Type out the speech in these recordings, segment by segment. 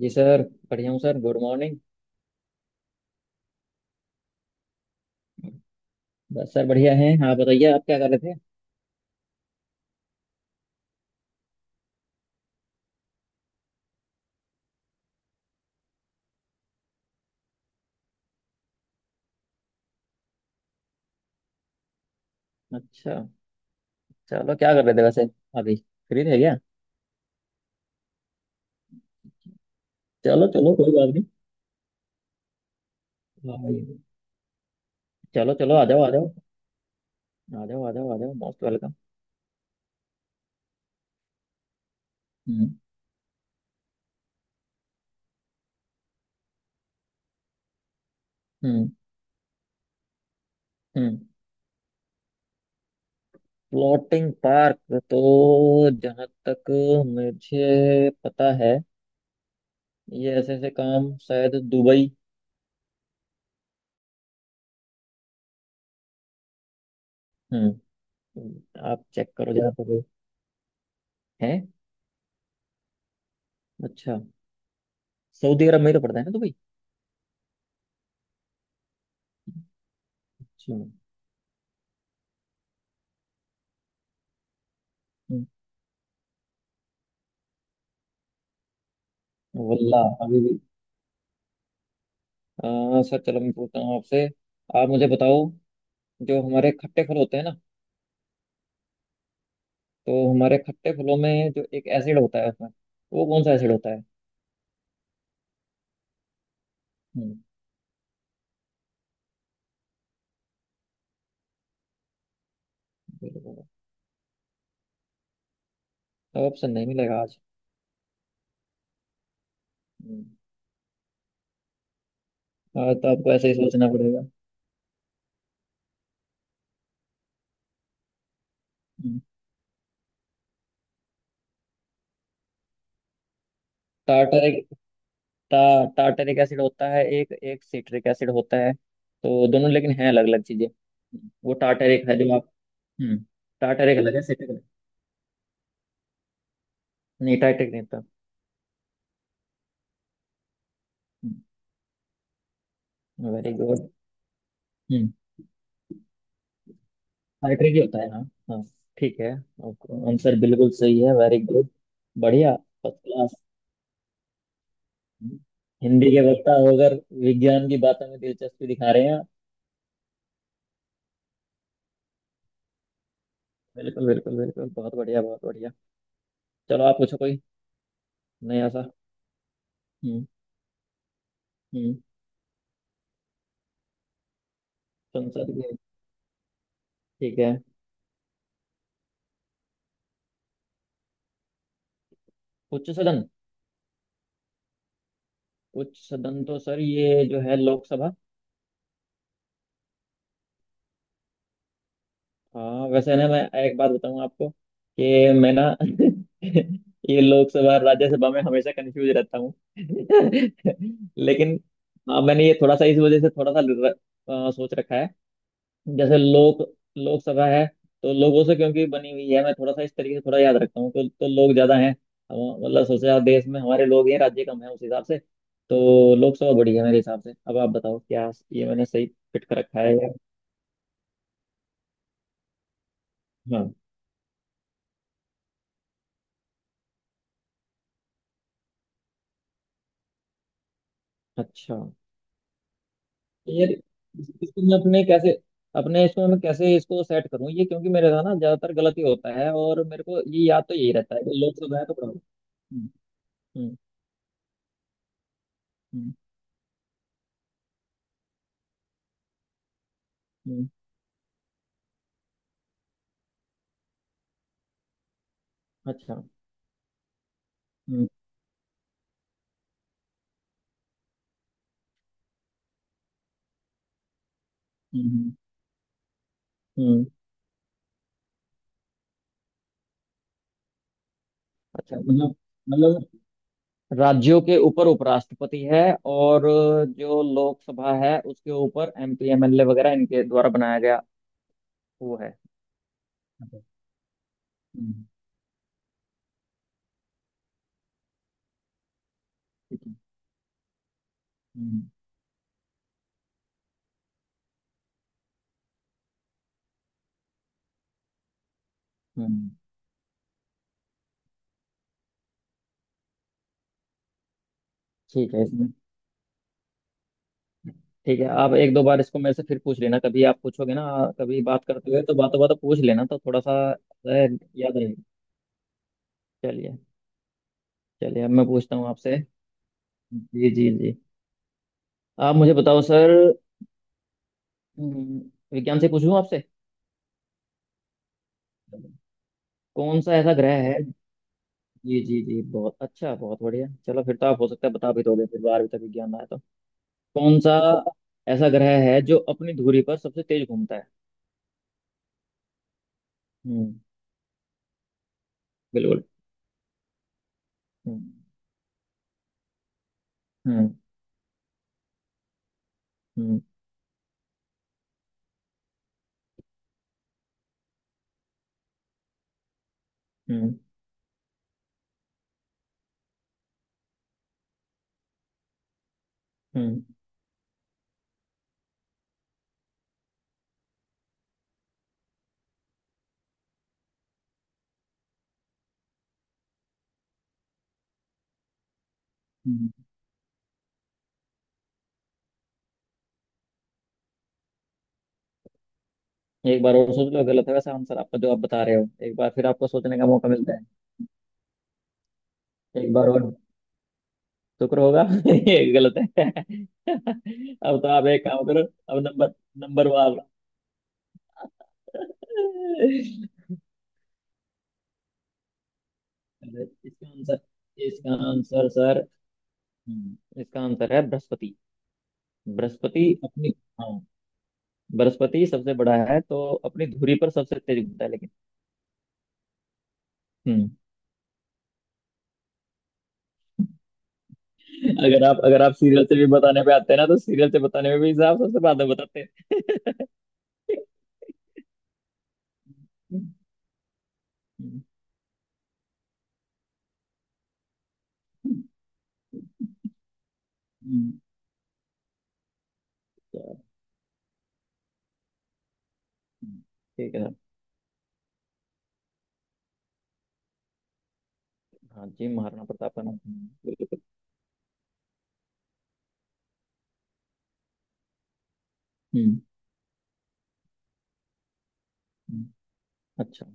जी sir. बढ़िया हूँ sir, good morning. बस सर, बढ़िया हैं। आप बताइए आप क्या कर रहे थे? अच्छा। चलो क्या कर रहे थे वैसे, अभी फ्री थे क्या? चलो चलो कोई बात नहीं। हाँ, चलो चलो आ जाओ आ जाओ। आ जाओ आ जाओ आ जाओ मोस्ट वेलकम। हम्म। हम्म। हम्म। फ्लोटिंग पार्क, तो जहाँ तक मुझे पता है ये ऐसे ऐसे काम शायद दुबई। हम्म। आप चेक करो जरा दुबई है। अच्छा, सऊदी अरब में ही तो पड़ता है ना दुबई? अच्छा। हम्म। वल्लाह अभी भी। सर चलो मैं पूछता हूँ आपसे, आप मुझे बताओ। जो हमारे खट्टे फल होते हैं ना, तो हमारे खट्टे फलों में जो एक एसिड होता है उसमें, वो कौन सा एसिड होता है? हम्म। बिल्कुल। तो ऑप्शन नहीं मिलेगा आज। हम्म, आज तो आपको ऐसे ही सोचना पड़ेगा। हम्म। टार्टरिक। टार्टरिक एसिड होता है एक, एक सिट्रिक एसिड होता है, तो दोनों लेकिन हैं अलग अलग चीजें। वो टार्टरिक है जो आप। हम्म। टार्टरिक अलग है, सिट्रिक अलग है। नहीं टार्टरिक नहीं था। Very good. आर्टरी भी होता है, हाँ। हाँ ठीक है, आंसर बिल्कुल सही है, वेरी गुड। बढ़िया, फर्स्ट क्लास। हिंदी के वक्ता होकर विज्ञान की बातों में दिलचस्पी दिखा रहे हैं आप। बिल्कुल बिल्कुल बिल्कुल, बहुत बढ़िया बहुत बढ़िया। चलो आप पूछो कोई नया सा। हम्म। हम्म। संसद के, ठीक है। उच्च सदन। उच्च सदन तो सर ये जो है लोकसभा। हाँ, वैसे ना मैं एक बात बताऊँ आपको कि मैं ना, ये लोकसभा और राज्यसभा में हमेशा कंफ्यूज रहता हूँ, लेकिन हाँ मैंने ये थोड़ा सा इस वजह से थोड़ा सा सोच रखा है। जैसे लोक, लोकसभा है, तो लोगों से क्योंकि बनी हुई है मैं थोड़ा सा इस तरीके से थोड़ा याद रखता हूँ, तो लोग ज्यादा हैं। मतलब सोचे आप देश में हमारे लोग हैं राज्य कम है उस हिसाब से, तो लोकसभा बड़ी है मेरे हिसाब से। अब आप बताओ क्या ये मैंने सही फिट कर रखा है हाँ। अच्छा। यार इसको मैं अपने कैसे, अपने इसमें मैं कैसे इसको सेट करूं ये? क्योंकि मेरे साथ ना ज्यादातर गलत ही होता है, और मेरे को ये याद तो यही रहता है कि लोग सब है तो पढ़ो। हम्म। हम्म। हम्म। हम्म। हम्म। अच्छा। हम्म। हम्म। हम्म। हम्म। अच्छा मतलब राज्यों के ऊपर उपराष्ट्रपति है, और जो लोकसभा है उसके ऊपर एमपी एमएलए वगैरह इनके द्वारा बनाया गया वो है। अच्छा, हम्म, ठीक है। हम्म। हम्म, ठीक है इसमें, ठीक है। आप एक दो बार इसको मेरे से फिर पूछ लेना कभी आप पूछोगे ना, कभी बात करते हुए तो बातों बातों पूछ लेना तो थोड़ा सा याद रहेगा। चलिए। चलिए अब मैं पूछता हूँ आपसे। जी जी जी, आप मुझे बताओ सर। हम्म। विज्ञान से पूछूं आपसे? कौन सा ऐसा ग्रह है। जी जी जी, बहुत अच्छा बहुत बढ़िया। चलो फिर तो आप हो सकता है बता भी दोगे फिर, बारहवीं तक विज्ञान में आया तो। कौन सा ऐसा ग्रह है जो अपनी धुरी पर सबसे तेज घूमता है? हम्म। बिल्कुल। हम्म। हम्म। हम्म। हम्म। हम्म। हम्म। एक बार और सोच लो, गलत होगा सब आंसर आपका जो आप बता रहे हो, एक बार फिर आपको सोचने का मौका मिलता है। एक बार और। शुक्र होगा। ये गलत है। अब तो आप एक काम करो। अब नंबर, नंबर वाला। अरे। इसका आंसर, इसका आंसर सर, इसका आंसर है बृहस्पति। बृहस्पति अपनी, हाँ, बृहस्पति सबसे बड़ा है तो अपनी धुरी पर सबसे तेज घूमता है लेकिन। हम्म। अगर आप सीरियल से भी बताने पे आते हैं ना, तो सीरियल से बताने में भी आप सबसे बाद में बताते हैं। हम्म। क्या- हम्म, ठीक है। हाँ जी, महाराणा प्रताप का नाम सुना है, बिल्कुल। हम्म। हम्म। अच्छा।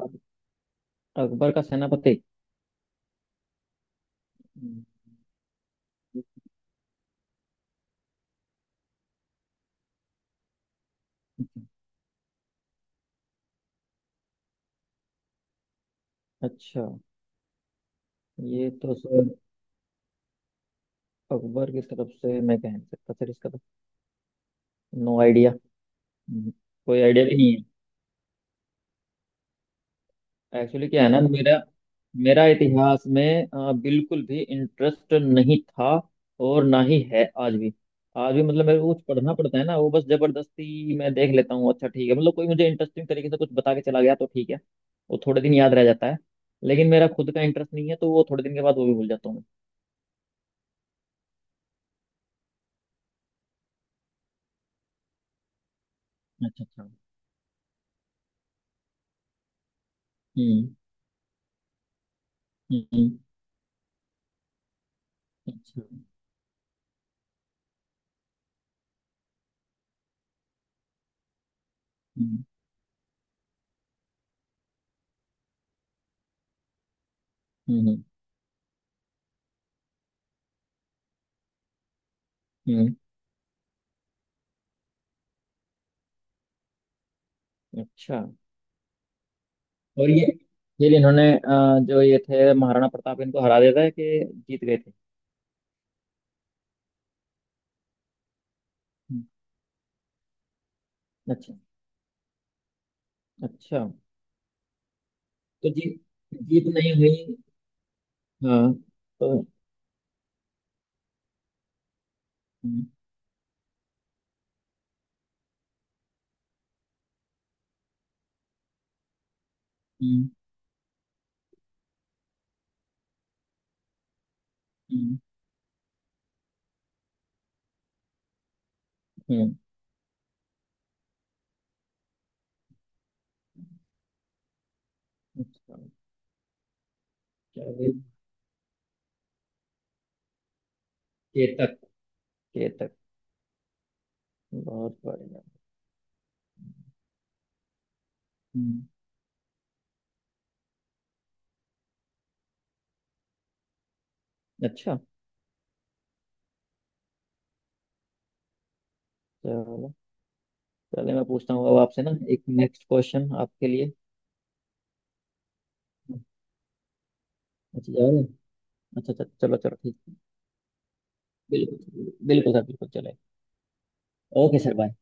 अब अकबर का सेनापति। हम्म। अच्छा। ये तो सर, अकबर की तरफ से मैं कह नहीं सकता सर, इसका तो नो आइडिया। हम्म, कोई आइडिया भी नहीं है। एक्चुअली क्या है ना, मेरा मेरा इतिहास में बिल्कुल भी इंटरेस्ट नहीं था, और ना ही है आज भी। आज भी मतलब मेरे को कुछ पढ़ना पड़ता है ना वो बस जबरदस्ती मैं देख लेता हूँ, अच्छा ठीक है, मतलब कोई मुझे इंटरेस्टिंग तरीके से कुछ बता के चला गया तो ठीक है, वो थोड़े दिन याद रह जाता है। लेकिन मेरा खुद का इंटरेस्ट नहीं है तो वो थोड़े दिन के बाद वो भी भूल जाता हूँ मैं। अच्छा अच्छा। हम्म। हम्म। अच्छा। हम्म। हम्म। हम्म। अच्छा और ये इन्होंने, जो ये थे महाराणा प्रताप, इनको हरा दिया था कि जीत गए थे? हम्म। अच्छा अच्छा। तो जीत, जीत नहीं हुई। हाँ, तो हम्म। हम्म। हम्म। हम्म। अच्छा। क्या हुई? केतक। केतक। बहुत बढ़िया। हम्म। अच्छा चलो। चले मैं पूछता हूँ अब आपसे ना, एक नेक्स्ट क्वेश्चन आपके लिए। अच्छा, जा रहे हैं? अच्छा अच्छा, चलो चलो ठीक। बिल्कुल बिल्कुल सर, बिल्कुल चले। Okay sir bye.